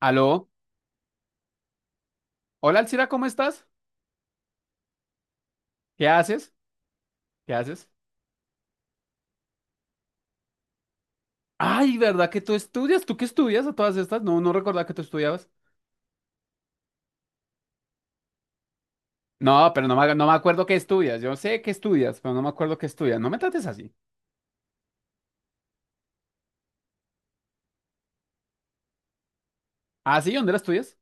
Aló, hola Alcira, ¿cómo estás? ¿Qué haces? ¿Qué haces? Ay, ¿verdad que tú estudias? ¿Tú qué estudias a todas estas? No, no recordaba que tú estudiabas. No, pero no me acuerdo qué estudias. Yo sé que estudias, pero no me acuerdo qué estudias. No me trates así. ¿Ah, sí? ¿Dónde la estudias?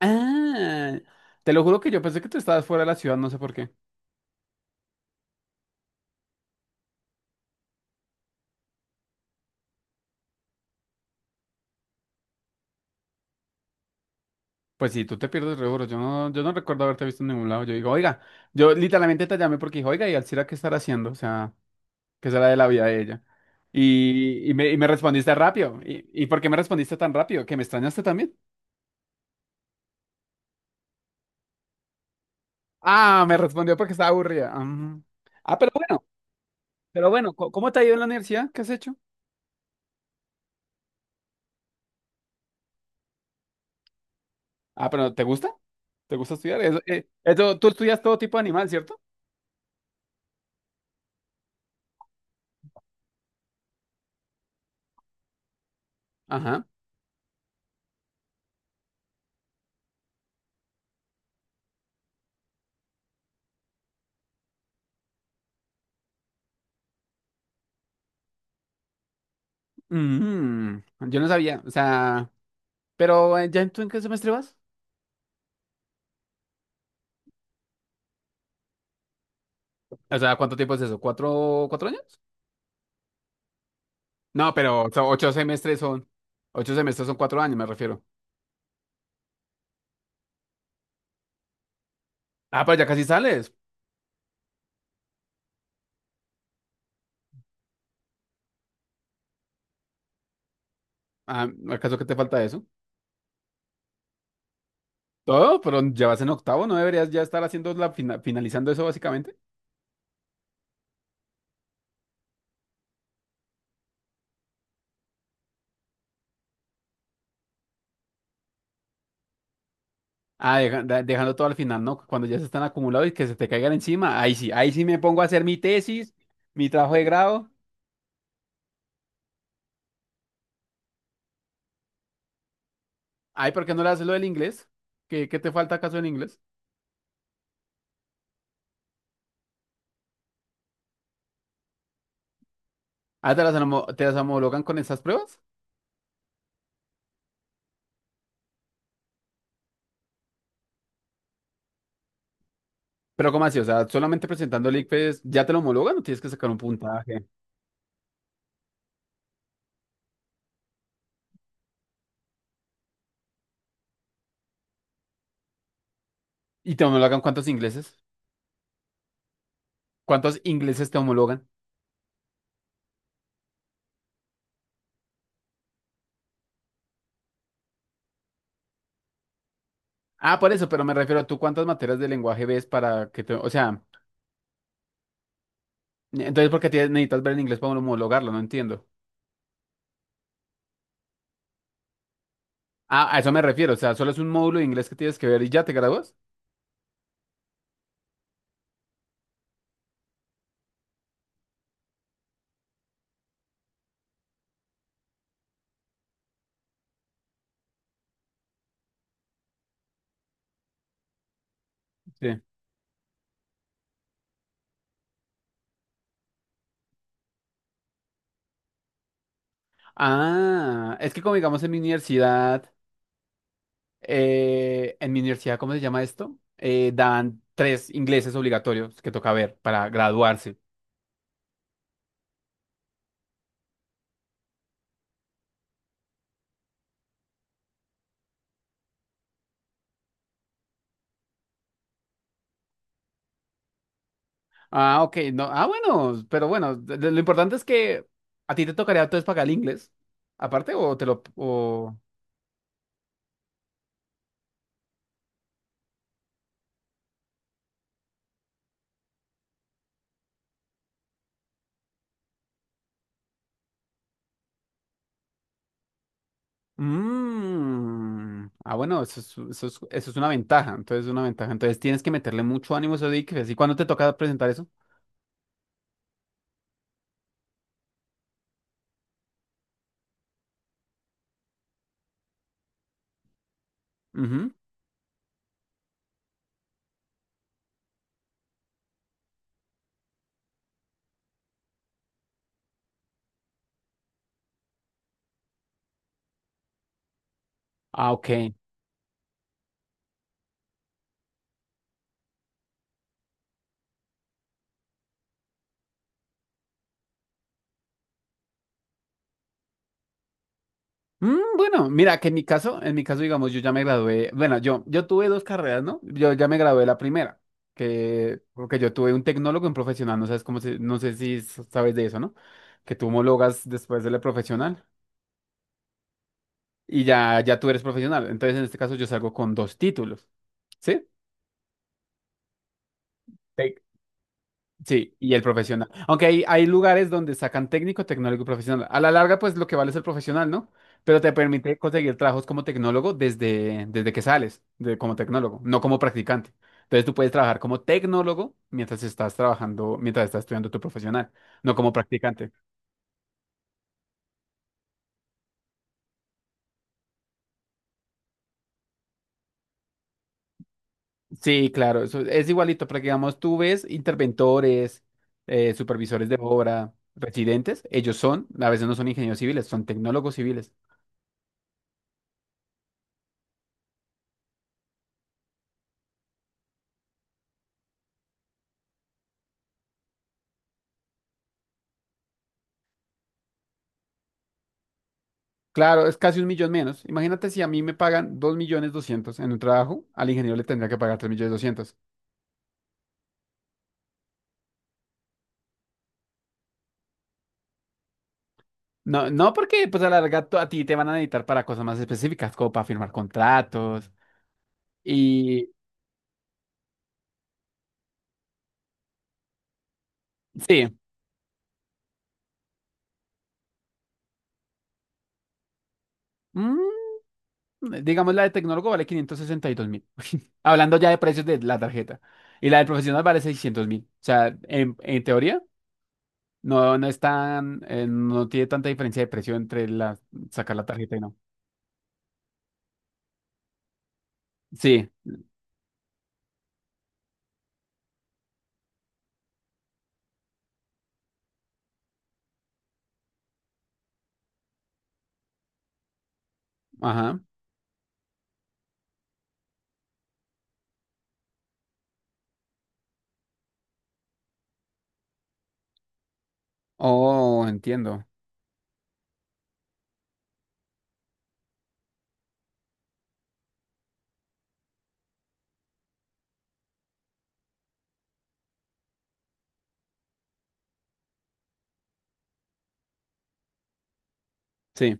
Ah, te lo juro que yo pensé que tú estabas fuera de la ciudad, no sé por qué. Pues sí, tú te pierdes re duro. Yo no recuerdo haberte visto en ningún lado. Yo digo, oiga, yo literalmente te llamé porque dije, oiga, ¿y Alcira qué estará haciendo? O sea, que será de la vida de ella. Y me respondiste rápido. ¿Y por qué me respondiste tan rápido? ¿Que me extrañaste también? Ah, me respondió porque estaba aburrida. Mm. Ah, pero bueno, ¿cómo te ha ido en la universidad? ¿Qué has hecho? Ah, pero ¿te gusta? ¿Te gusta estudiar? Tú estudias todo tipo de animal, ¿cierto? Ajá. Mm, yo no sabía, o sea, pero ¿ tú en qué semestre vas? O sea, ¿cuánto tiempo es eso? ¿Cuatro años? No, pero o sea, ocho semestres son cuatro años, me refiero. Ah, pero ya casi sales. Ah, ¿acaso que te falta eso? Todo, pero ya vas en octavo, ¿no deberías ya estar haciendo finalizando eso básicamente? Ah, dejando todo al final, ¿no? Cuando ya se están acumulados y que se te caigan encima. Ahí sí me pongo a hacer mi tesis, mi trabajo de grado. Ay, ¿por qué no le haces lo del inglés? ¿Qué te falta acaso en inglés? Ah, ¿ te las homologan con esas pruebas? Pero ¿cómo así? O sea, solamente presentando el ICFES, ¿ya te lo homologan o tienes que sacar un puntaje? ¿Y te homologan cuántos ingleses? ¿Cuántos ingleses te homologan? Ah, por eso, pero me refiero a tú cuántas materias de lenguaje ves para que te... O sea, entonces ¿por qué necesitas ver el inglés para homologarlo? No entiendo. Ah, a eso me refiero, o sea, solo es un módulo de inglés que tienes que ver y ya te gradúas. Sí. Ah, es que como digamos en mi universidad, ¿cómo se llama esto? Dan tres ingleses obligatorios que toca ver para graduarse. Ah, ok, no, ah, bueno, pero bueno, lo importante es que a ti te tocaría entonces pagar el inglés, aparte, o te lo... O... Mm. Ah, bueno, eso es una ventaja. Entonces, es una ventaja. Entonces, tienes que meterle mucho ánimo a esos diques. ¿Y cuándo te toca presentar eso? Ujú. Ah, ok. Bueno, mira, que en mi caso, digamos, yo ya me gradué. Bueno, yo tuve dos carreras, ¿no? Yo ya me gradué de la primera, porque yo tuve un tecnólogo en profesional. No sabes no sé si sabes de eso, ¿no? Que tú homologas después de la profesional y ya tú eres profesional. Entonces, en este caso, yo salgo con dos títulos. ¿Sí? Sí, y el profesional. Aunque hay lugares donde sacan técnico, tecnólogo y profesional. A la larga, pues lo que vale es el profesional, ¿no? Pero te permite conseguir trabajos como tecnólogo desde que sales, como tecnólogo, no como practicante. Entonces tú puedes trabajar como tecnólogo mientras estás trabajando, mientras estás estudiando tu profesional, no como practicante. Sí, claro, eso es igualito, porque digamos, tú ves interventores, supervisores de obra, residentes, a veces no son ingenieros civiles, son tecnólogos civiles. Claro, es casi un millón menos. Imagínate si a mí me pagan 2.200.000 en un trabajo, al ingeniero le tendría que pagar 3.200.000. No, no porque pues a la larga a ti te van a necesitar para cosas más específicas, como para firmar contratos. Y sí, mm, digamos la de tecnólogo vale 562.000. Hablando ya de precios de la tarjeta. Y la del profesional vale 600.000. O sea, en teoría no es tan, no tiene tanta diferencia de precio entre sacar la tarjeta y no. Sí, ajá. Oh, entiendo. Sí,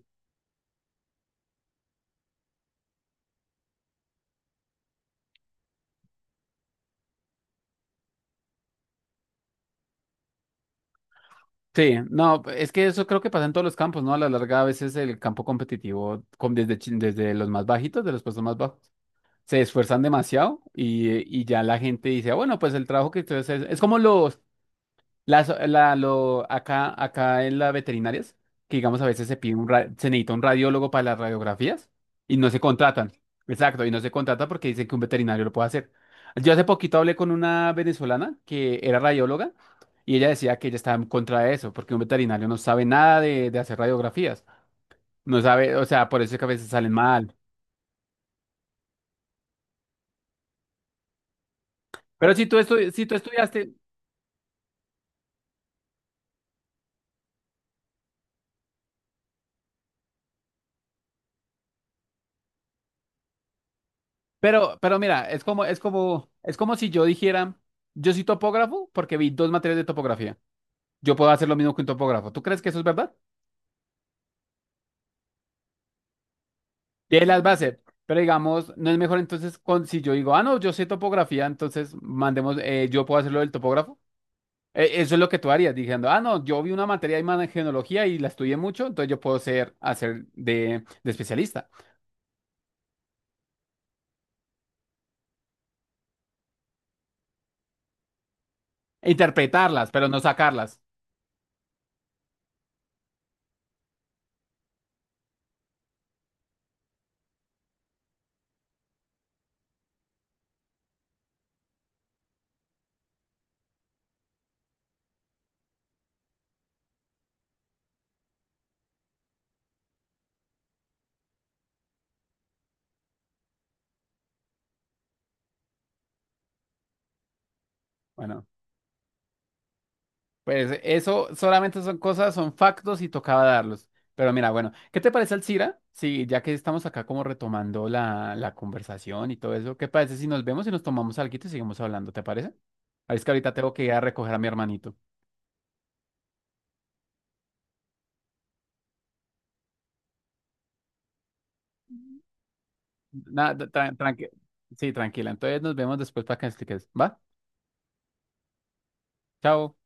sí, no, es que eso creo que pasa en todos los campos, ¿no? A la larga, a veces el campo competitivo, desde, desde los más bajitos, de los puestos más bajos, se esfuerzan demasiado y ya la gente dice: "Ah, bueno, pues el trabajo que ustedes hacen es como los, Las, la, lo, acá en las veterinarias, que digamos a veces se necesita un radiólogo para las radiografías y no se contratan". Exacto, y no se contrata porque dicen que un veterinario lo puede hacer. Yo hace poquito hablé con una venezolana que era radióloga y ella decía que ella estaba en contra de eso, porque un veterinario no sabe nada de hacer radiografías. No sabe, o sea, por eso es que a veces salen mal. Pero si tú estudiaste, pero mira, es como si yo dijera, yo soy topógrafo porque vi dos materias de topografía. Yo puedo hacer lo mismo que un topógrafo. ¿Tú crees que eso es verdad? Y él las va a hacer. Pero digamos, no es mejor entonces si yo digo, ah, no, yo sé topografía, entonces mandemos, yo puedo hacerlo del topógrafo. Eso es lo que tú harías, diciendo, ah, no, yo vi una materia de imagenología y la estudié mucho, entonces yo puedo ser, hacer de especialista. Interpretarlas, pero no sacarlas. Bueno. Pues eso solamente son cosas, son factos y tocaba darlos. Pero mira, bueno, ¿qué te parece, Alcira? Sí, ya que estamos acá como retomando la conversación y todo eso, ¿qué parece si nos vemos y nos tomamos algo y seguimos hablando? ¿Te parece? Ah, es que ahorita tengo que ir a recoger a mi hermanito. Nada, sí, tranquila. Entonces nos vemos después para que me expliques. ¿Va? Chao.